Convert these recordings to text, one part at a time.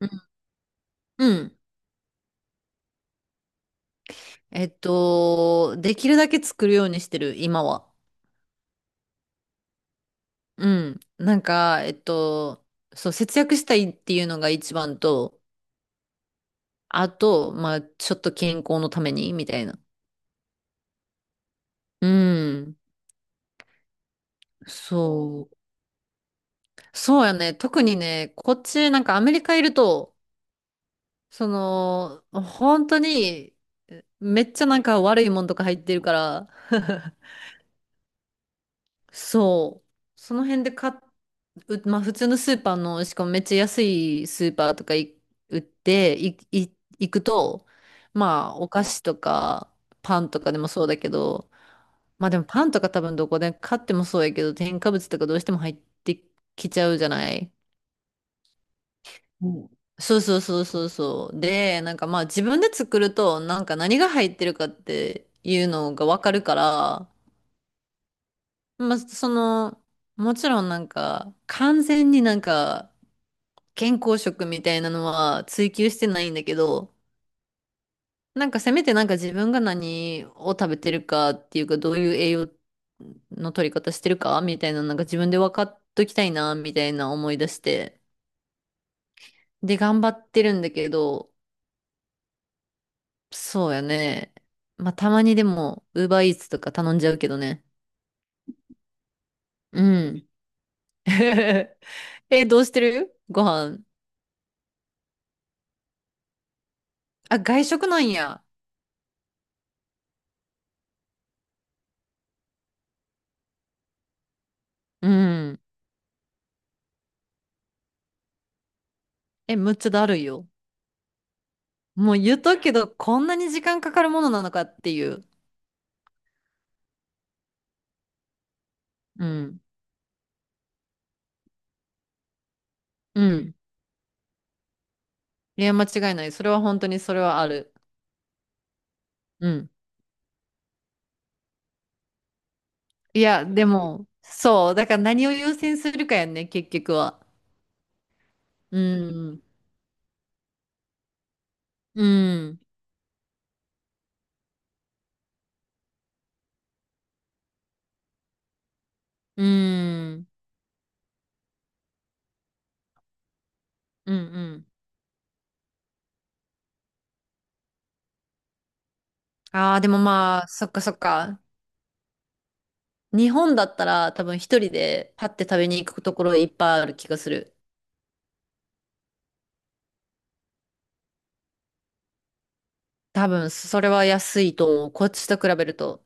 うん。うん。できるだけ作るようにしてる、今は。うん。節約したいっていうのが一番と、あと、まあ、ちょっと健康のために、みたいな。うん。そう。そうやね。特にね、こっち、なんかアメリカいると、その、本当に、めっちゃなんか悪いもんとか入ってるから、そう。その辺で買っう、まあ普通のスーパーの、しかもめっちゃ安いスーパーとかい売って、い、い、行くと、まあお菓子とかパンとかでもそうだけど、まあでもパンとか多分どこで買ってもそうやけど、添加物とかどうしても入ってきちゃうじゃない。うん。そうそうそうそうそう。で、なんかまあ自分で作ると、なんか何が入ってるかっていうのがわかるから、まあその、もちろんなんか完全になんか健康食みたいなのは追求してないんだけど、なんかせめてなんか自分が何を食べてるかっていうか、どういう栄養の取り方してるかみたいな、なんか自分で分かっときたいな、みたいな思い出して。で、頑張ってるんだけど、そうやね。まあ、たまにでも、ウーバーイーツとか頼んじゃうけどね。うん。え、どうしてるご飯。あ、外食なんや。うん。え、むっちゃだるいよ。もう言っとくけど、こんなに時間かかるものなのかっていう。うん。うん。いや、間違いない。それは本当にそれはある。うん。いや、でも、そう。だから何を優先するかやんね、結局は。うん。うん。うん。うん。ああー、でもまあ、そっかそっか。日本だったら多分一人でパッて食べに行くところいっぱいある気がする。多分、それは安いと思う。こっちと比べると。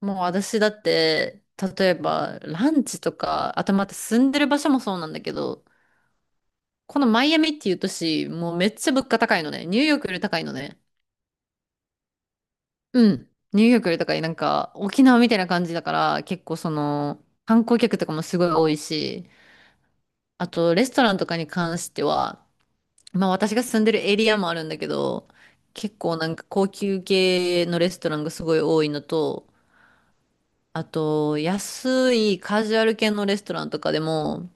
もう私だって、例えばランチとか、あとまた住んでる場所もそうなんだけど、このマイアミっていう都市、もうめっちゃ物価高いのね。ニューヨークより高いのね。うん。ニューヨークより高い。なんか沖縄みたいな感じだから、結構その観光客とかもすごい多いし、あとレストランとかに関しては、まあ私が住んでるエリアもあるんだけど、結構なんか高級系のレストランがすごい多いのと、あと安いカジュアル系のレストランとかでも、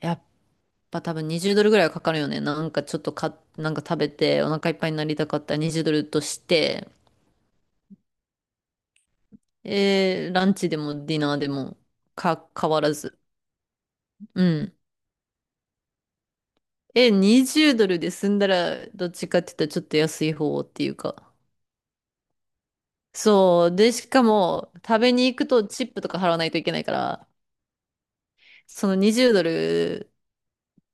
やっまあ多分20ドルぐらいはかかるよね。なんかちょっとか、なんか食べてお腹いっぱいになりたかったら20ドルとして、ランチでもディナーでも変わらず。うん。え、20ドルで済んだらどっちかって言ったらちょっと安い方っていうか。そう。で、しかも食べに行くとチップとか払わないといけないから、その20ドル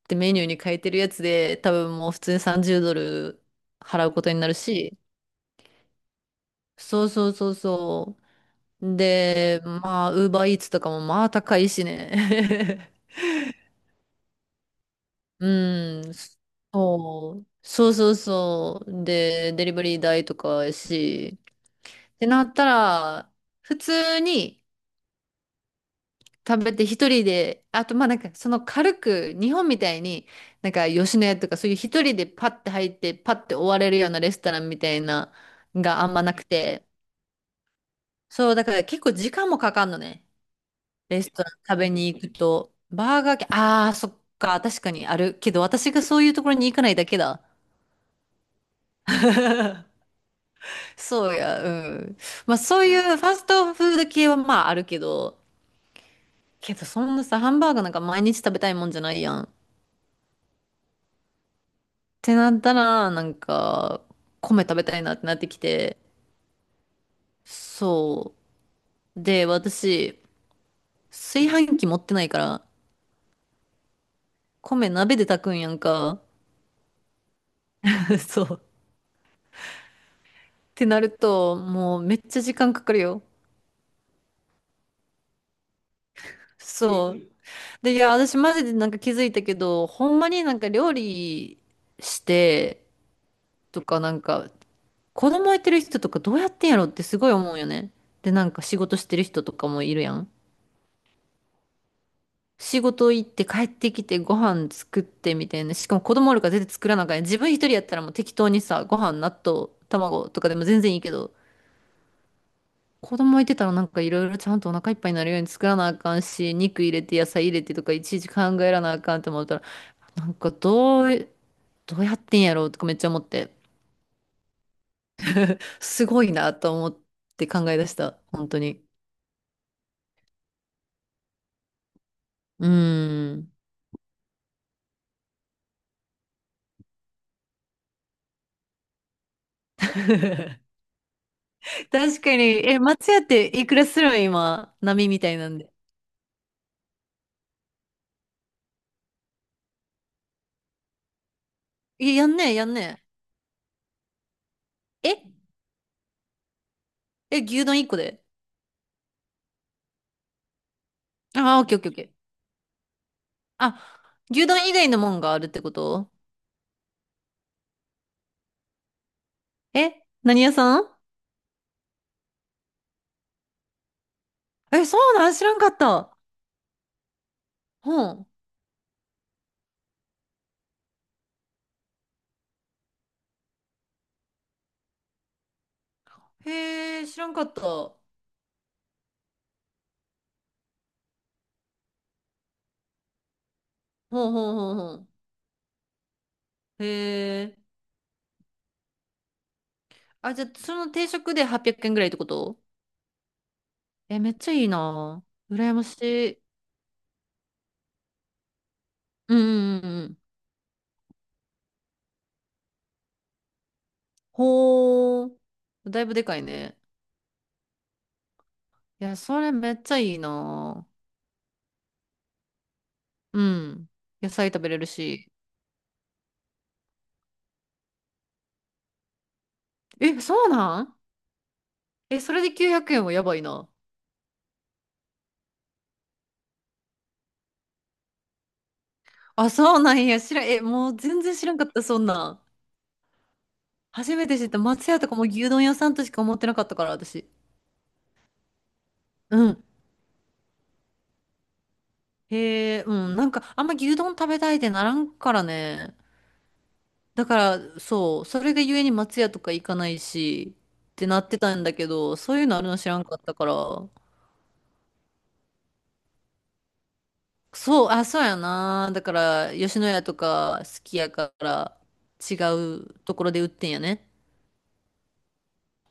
ってメニューに変えてるやつで多分もう普通に30ドル払うことになるし、そうそうそうそう。で、まあ、ウーバーイーツとかもまあ高いしね。うん、そう、そうそうそう。で、デリバリー代とかやし、ってなったら、普通に食べて一人で、あとまあなんかその軽く、日本みたいに、なんか吉野家とかそういう一人でパッて入って、パッて終われるようなレストランみたいなのがあんまなくて、そう、だから結構時間もかかんのね。レストラン食べに行くと、バーガー系、ああ、そっか、確かにあるけど、私がそういうところに行かないだけだ。そうや、うん。まあそういうファストフード系はまああるけど、けどそんなさ、ハンバーガーなんか毎日食べたいもんじゃないやん。ってなったら、なんか、米食べたいなってなってきて、そう。で、私、炊飯器持ってないから、米鍋で炊くんやんか。そう。ってなると、もうめっちゃ時間かかるよ。そう。で、いや、私マジでなんか気づいたけど、ほんまになんか料理してとかなんか、子供いてる人とかどうやってんやろってすごい思うよね。で、なんか仕事してる人とかもいるやん。仕事行って帰ってきてご飯作ってみたいな。しかも子供おるから全然作らなあかんやん。自分一人やったらもう適当にさ、ご飯、納豆、卵とかでも全然いいけど、子供いてたらなんかいろいろちゃんとお腹いっぱいになるように作らなあかんし、肉入れて野菜入れてとかいちいち考えらなあかんって思ったらなんかどう、どうやってんやろうとかめっちゃ思って、すごいなと思って考え出した、本当に。うん。確かに、え、松屋っていくらするん今、波みたいなんで。え、やんねえ、やんねえ。え、え、牛丼一個でああけオッケーオッケーオッケー。あ、牛丼以外のもんがあるってこと。え、何屋さん。え、そうなん知らんかった。ほん。へえ、知らんかった。ほんほんほんほん。へえ。あ、じゃあ、その定食で800円ぐらいってこと。え、めっちゃいいな。羨ましい。うんうんうんうん。ほー。だいぶでかいね。いや、それめっちゃいいな。うん。野菜食べれるし。え、そうなん。え、それで900円はやばいな。あ、そうなんや。え、もう全然知らんかった、そんなん。初めて知った。松屋とかも牛丼屋さんとしか思ってなかったから、私。うん。へえ、うん。なんか、あんま牛丼食べたいってならんからね。だから、そう、それでゆえに松屋とか行かないし、ってなってたんだけど、そういうのあるの知らんかったから、そう、あ、そうやな。だから、吉野家とか好きやから、違うところで売ってんやね。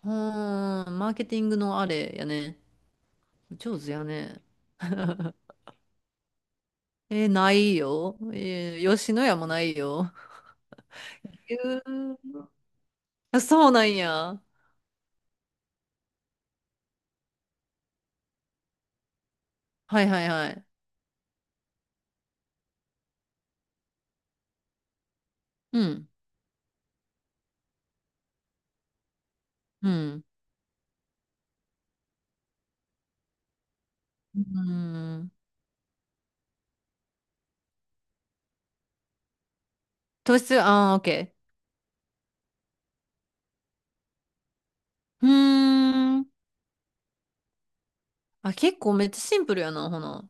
うーん、マーケティングのあれやね。上手やね。えないよ。えー吉野家もないよ。えー、あそうなんや。はいはいはい。うん。うん。うん。糖質、ああ、OK。うーん。あ、結構めっちゃシンプルやな、ほな。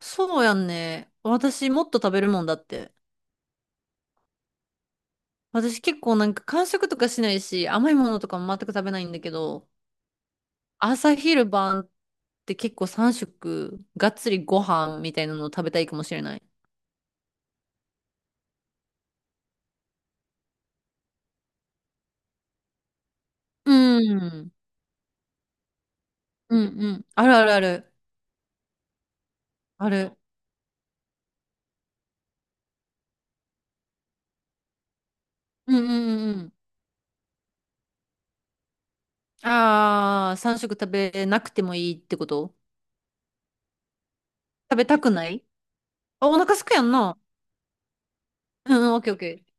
そうやんね。私もっと食べるもんだって。私結構なんか間食とかしないし、甘いものとかも全く食べないんだけど、朝昼晩って結構3食、がっつりご飯みたいなのを食べたいかもしれない。うん。うんうん。あるあるある。ある。うんうんうんうん。ああ、3食食べなくてもいいってこと。食べたくない。あ、お腹すくやんな。うんうん、オッケーオッケー。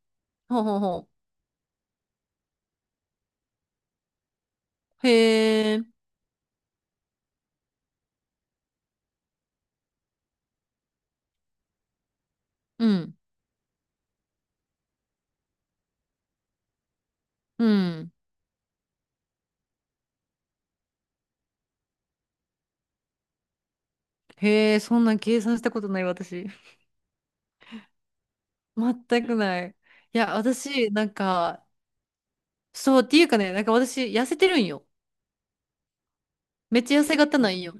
ほうほうほう。へえ。うん。うん。へえ、そんなん計算したことない、私。全くない。いや、私、なんか、そう、っていうかね、なんか私、痩せてるんよ。めっちゃ痩せ型なんよ。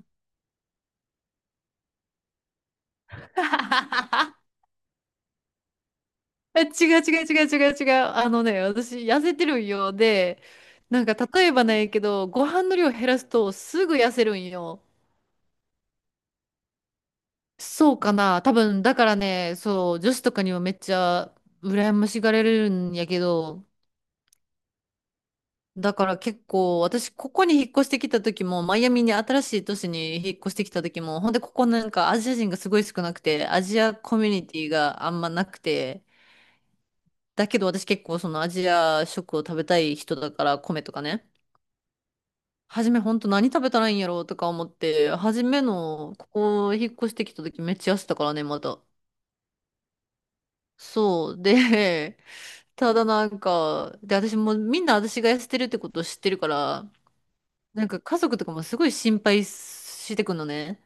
え違う違う違う違う違う。あのね、私、痩せてるんよ。で、なんか、例えばなんやけど、ご飯の量減らすと、すぐ痩せるんよ。そうかな。多分、だからね、そう、女子とかにもめっちゃ、羨ましがれるんやけど、だから結構、私、ここに引っ越してきた時も、マイアミに新しい都市に引っ越してきた時も、ほんで、ここなんかアジア人がすごい少なくて、アジアコミュニティがあんまなくて、だけど私結構そのアジア食を食べたい人だから、米とかね。初めほんと何食べたらいいんやろうとか思って、初めの、ここ引っ越してきた時めっちゃ痩せたからね、また。そう。で、ただなんか、で、私もみんな私が痩せてるってことを知ってるから、なんか家族とかもすごい心配してくのね。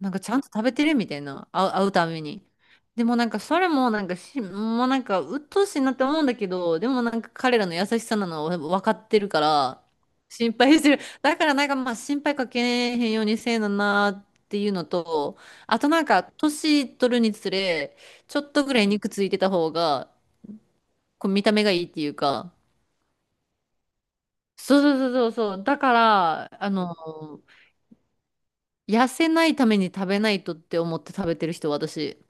なんかちゃんと食べてるみたいな、会うために。でもなんかそれもなんかし、もうなんか鬱陶しいなって思うんだけど、でもなんか彼らの優しさなのは分かってるから、心配してる。だからなんかまあ心配かけへんようにせえななっていうのと、あとなんか年取るにつれ、ちょっとぐらい肉ついてた方が、こう見た目がいいっていうか、そうそうそうそうそう。だから、あの、痩せないために食べないとって思って食べてる人、私。